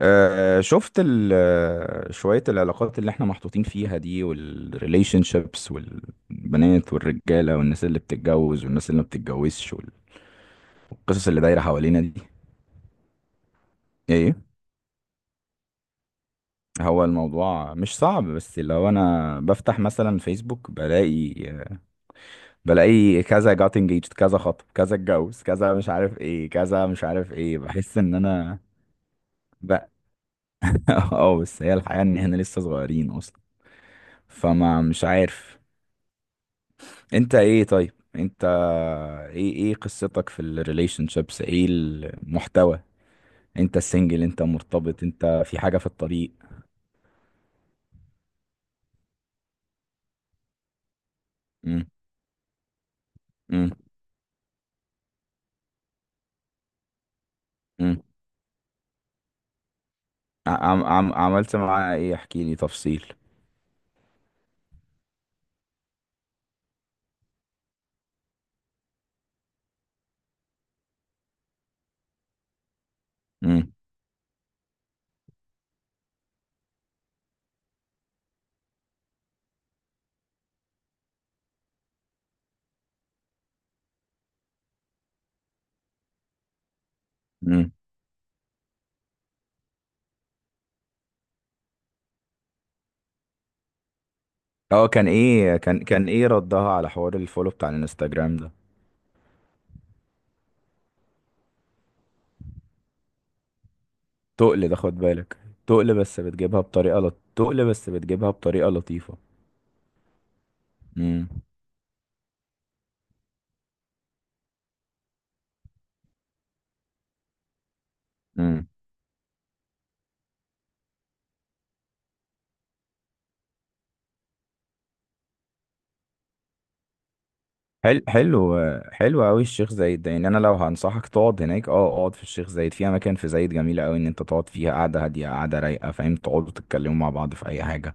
شفت شوية العلاقات اللي احنا محطوطين فيها دي والريليشن شيبس والبنات والرجالة والناس اللي بتتجوز والناس اللي ما بتتجوزش والقصص اللي دايرة حوالينا دي. ايه. هو الموضوع مش صعب، بس لو انا بفتح مثلا فيسبوك بلاقي، كذا جات انجيجد، كذا خطب، كذا اتجوز، كذا مش عارف ايه، كذا مش عارف ايه، بحس ان انا بقى. اه، بس هي الحقيقة ان احنا لسه صغيرين اصلا، فما مش عارف. انت ايه؟ طيب انت ايه قصتك في الريليشن شيبس؟ ايه المحتوى؟ انت السنجل؟ انت مرتبط؟ انت في حاجة في الطريق؟ امم. امم. امم. عم عم عملت معاها ايه؟ احكي لي تفصيل. امم. امم. اه كان ايه؟ كان ايه ردها على حوار الفولو بتاع الانستجرام ده؟ تقل ده، خد بالك. تقل بس بتجيبها بطريقة تقل بس بتجيبها بطريقة لطيفة. امم. حلو. حلو. حلو قوي الشيخ زايد ده، يعني انا لو هنصحك تقعد هناك، اه اقعد في الشيخ زايد، في اماكن في زايد جميله قوي ان انت تقعد فيها، قاعده هاديه، قاعده رايقه، فاهم، تقعدوا تتكلموا مع بعض في اي حاجه.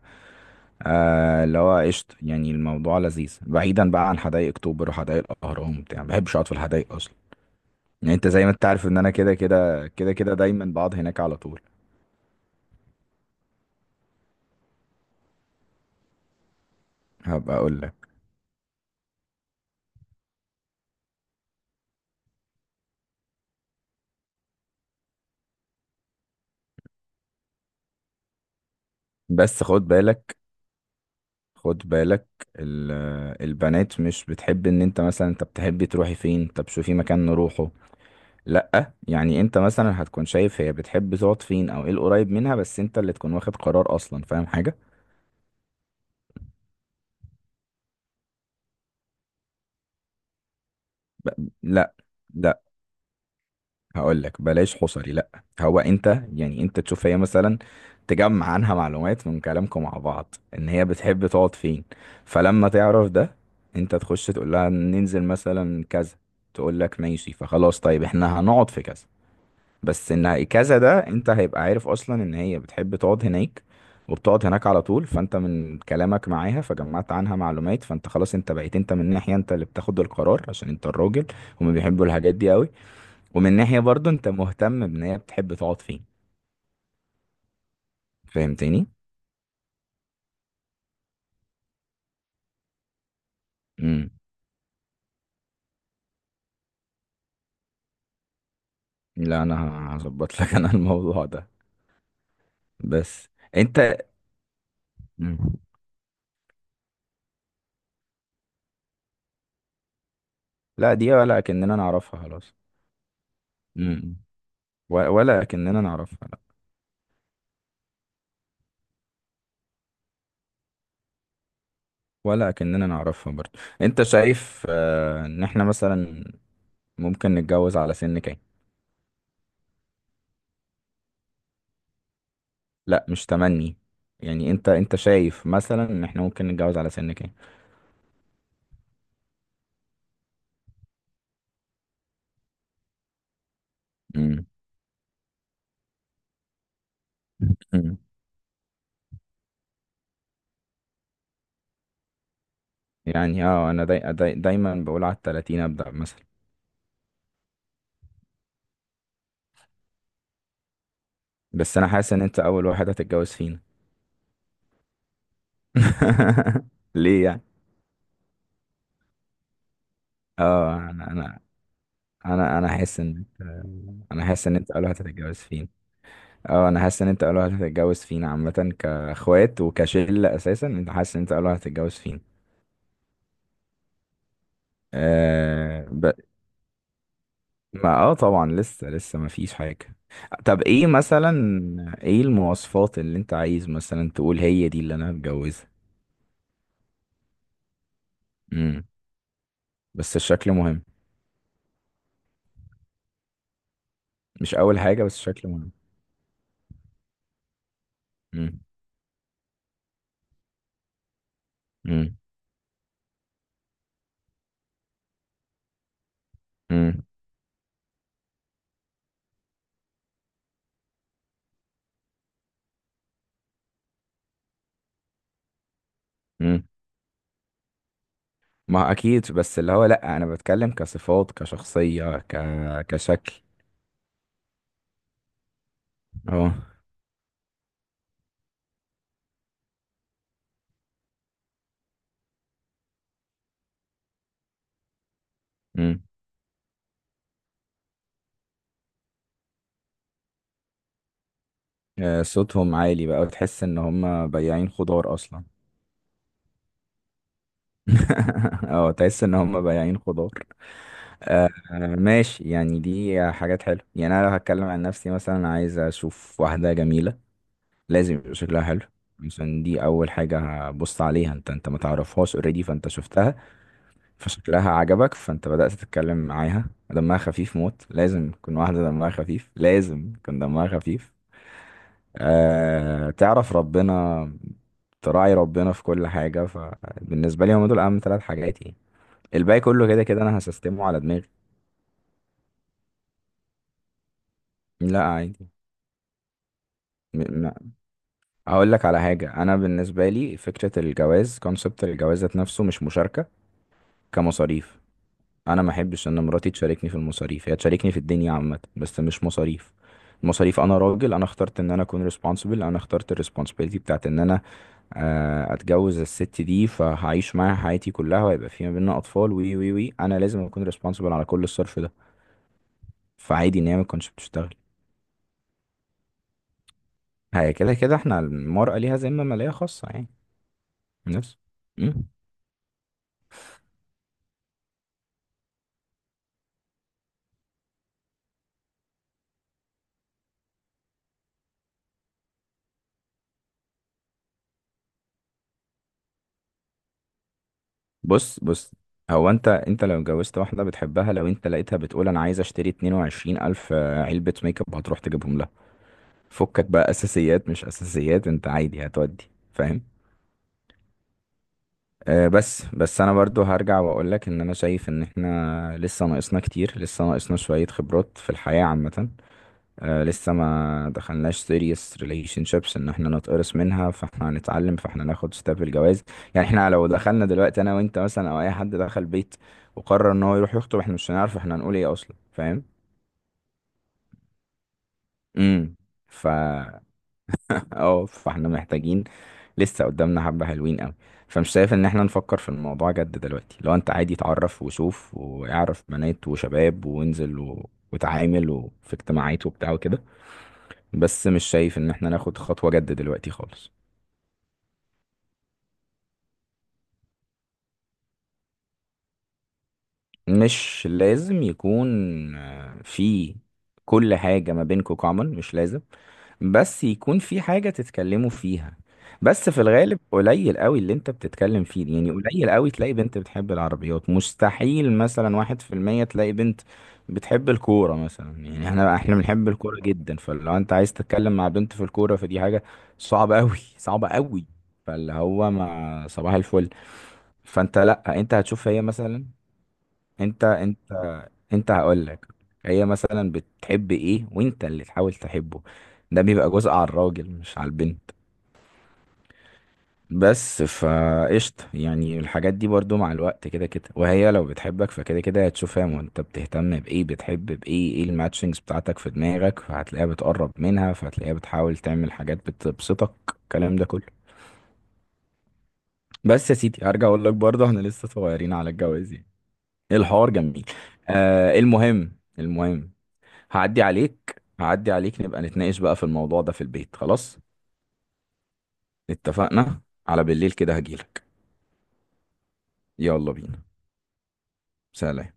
آه، اللي هو قشطه يعني، الموضوع لذيذ بعيدا بقى عن حدائق اكتوبر وحدائق الاهرام، بتاع ما بحبش اقعد في الحدائق اصلا. يعني انت زي ما انت عارف ان انا كده كده كده كده دايما بقعد هناك على طول. هبقى اقول لك. بس خد بالك. خد بالك. ال- البنات مش بتحب ان انت مثلا انت بتحبي تروحي فين، طب شوفي مكان نروحه. لأ، يعني انت مثلا هتكون شايف هي بتحب تقعد فين او ايه القريب منها، بس انت اللي تكون واخد قرار اصلا، فاهم حاجة؟ ب... لأ. لأ. هقول لك بلاش حصري. لأ هو انت، يعني انت تشوف هي مثلا. تجمع عنها معلومات من كلامكم مع بعض ان هي بتحب تقعد فين، فلما تعرف ده انت تخش تقول لها ننزل مثلا كذا، تقول لك ماشي فخلاص. طيب احنا هنقعد في كذا، بس ان كذا ده انت هيبقى عارف اصلا ان هي بتحب تقعد هناك وبتقعد هناك على طول، فانت من كلامك معاها فجمعت عنها معلومات، فانت خلاص انت بقيت انت من ناحية انت اللي بتاخد القرار عشان انت الراجل. هما بيحبوا الحاجات دي قوي. ومن ناحية برضو انت مهتم بان هي بتحب تقعد فين. فهمتني؟ امم. لا انا هظبط لك انا الموضوع ده. بس انت. مم. لا، دي ولا كأننا نعرفها خلاص. امم. ولا كأننا نعرفها. ولا كأننا نعرفها برضه. انت شايف ان احنا مثلا ممكن نتجوز على سن كام؟ لا مش تمني، يعني انت شايف مثلا ان احنا ممكن نتجوز على سن كام؟ مم. مم. يعني اه، انا دايما بقول على التلاتين ابدأ مثلا. بس انا حاسس ان انت اول واحد هتتجوز فينا. ليه يعني؟ اه، انا حاسس ان انت، انا حاسس ان انت اول واحد هتتجوز فينا. اه، انا حاسس ان انت اول واحد هتتجوز فينا عامه، كاخوات وكشله اساسا انت حاسس ان انت اول واحد هتتجوز فينا. آه ب... ما اه، طبعا لسه ما فيش حاجه. طب ايه مثلا؟ ايه المواصفات اللي انت عايز مثلا تقول هي دي اللي انا هتجوزها؟ امم. بس الشكل مهم. مش اول حاجه بس الشكل مهم. امم. امم. امم. امم. ما اكيد، بس اللي هو لا، انا بتكلم كصفات، كشخصيه، كشكل. اه. آه، صوتهم عالي بقى، وتحس ان هم بياعين خضار اصلا. اه، تحس ان هم بياعين خضار. ماشي، يعني دي حاجات حلوه. يعني انا لو هتكلم عن نفسي مثلا، عايز اشوف واحده جميله، لازم يبقى شكلها حلو عشان دي اول حاجه هبص عليها. انت ما تعرفهاش اوريدي، فانت شفتها فشكلها عجبك، فانت بدات تتكلم معاها. دمها خفيف موت، لازم تكون واحده دمها خفيف، لازم يكون دمها خفيف. آه تعرف ربنا، تراعي ربنا في كل حاجة. فبالنسبة لي هم دول أهم ثلاث حاجات يعني، الباقي كله كده كده أنا هسستمه على دماغي. لا عادي. م- م- هقول لك على حاجة. أنا بالنسبة لي فكرة الجواز، كونسبت الجواز ذات نفسه، مش مشاركة كمصاريف. أنا ما أحبش إن مراتي تشاركني في المصاريف، هي تشاركني في الدنيا عامة بس مش مصاريف. المصاريف أنا راجل، أنا اخترت إن أنا أكون responsible، أنا اخترت ال responsibility بتاعت إن أنا اتجوز الست دي، فهعيش معاها حياتي كلها وهيبقى في ما بيننا اطفال وي وي وي، انا لازم اكون ريسبونسبل على كل الصرف ده. فعادي ان هي ما تكونش بتشتغل. هي كده كده احنا المرأة ليها ذمة مالية خاصة يعني. نفس. مم. بص بص. هو انت، انت لو اتجوزت واحدة بتحبها، لو انت لقيتها بتقول انا عايز اشتري 22 الف علبة ميك اب، هتروح تجيبهم لها. فكك بقى اساسيات مش اساسيات، انت عادي هتودي، فاهم. بس انا برضو هرجع واقول لك ان انا شايف ان احنا لسه ناقصنا شوية خبرات في الحياة عامة. آه، لسه ما دخلناش serious relationships ان احنا نتقرص منها، فاحنا هنتعلم، فاحنا ناخد ستاب الجواز. يعني احنا لو دخلنا دلوقتي انا وانت مثلا، او اي حد دخل بيت وقرر ان هو يروح يخطب، احنا مش هنعرف احنا هنقول ايه اصلا، فاهم. امم. ف اه فاحنا محتاجين. لسه قدامنا حبة حلوين قوي. فمش شايف ان احنا نفكر في الموضوع جد دلوقتي، لو انت عادي اتعرف وشوف واعرف بنات وشباب وانزل وتعامل وفي اجتماعات وبتاع وكده، بس مش شايف ان احنا ناخد خطوة جد دلوقتي خالص. مش لازم يكون في كل حاجة ما بينكوا common، مش لازم، بس يكون في حاجة تتكلموا فيها. بس في الغالب قليل قوي اللي انت بتتكلم فيه، يعني قليل قوي تلاقي بنت بتحب العربيات، مستحيل مثلا 1% تلاقي بنت بتحب الكورة مثلا. يعني احنا بنحب الكورة جدا، فلو انت عايز تتكلم مع بنت في الكورة فدي حاجة صعبة قوي، صعبة قوي. فاللي هو مع صباح الفل. فانت، لا انت هتشوف هي مثلا. انت انت انت هقول لك، هي مثلا بتحب ايه وانت اللي تحاول تحبه، ده بيبقى جزء على الراجل مش على البنت. بس فقشطة يعني، الحاجات دي برضو مع الوقت كده كده، وهي لو بتحبك فكده كده هتشوفها وانت بتهتم بايه بتحب بايه، ايه الماتشنجز بتاعتك في دماغك، فهتلاقيها بتقرب منها، فهتلاقيها بتحاول تعمل حاجات بتبسطك الكلام ده كله. بس يا سيدي هرجع اقول لك برضه احنا لسه صغيرين على الجواز يعني. الحوار جميل. آه المهم. المهم. هعدي عليك، هعدي عليك، نبقى نتناقش بقى في الموضوع ده في البيت خلاص. اتفقنا. على بالليل كده هجيلك. يلا بينا. سلام.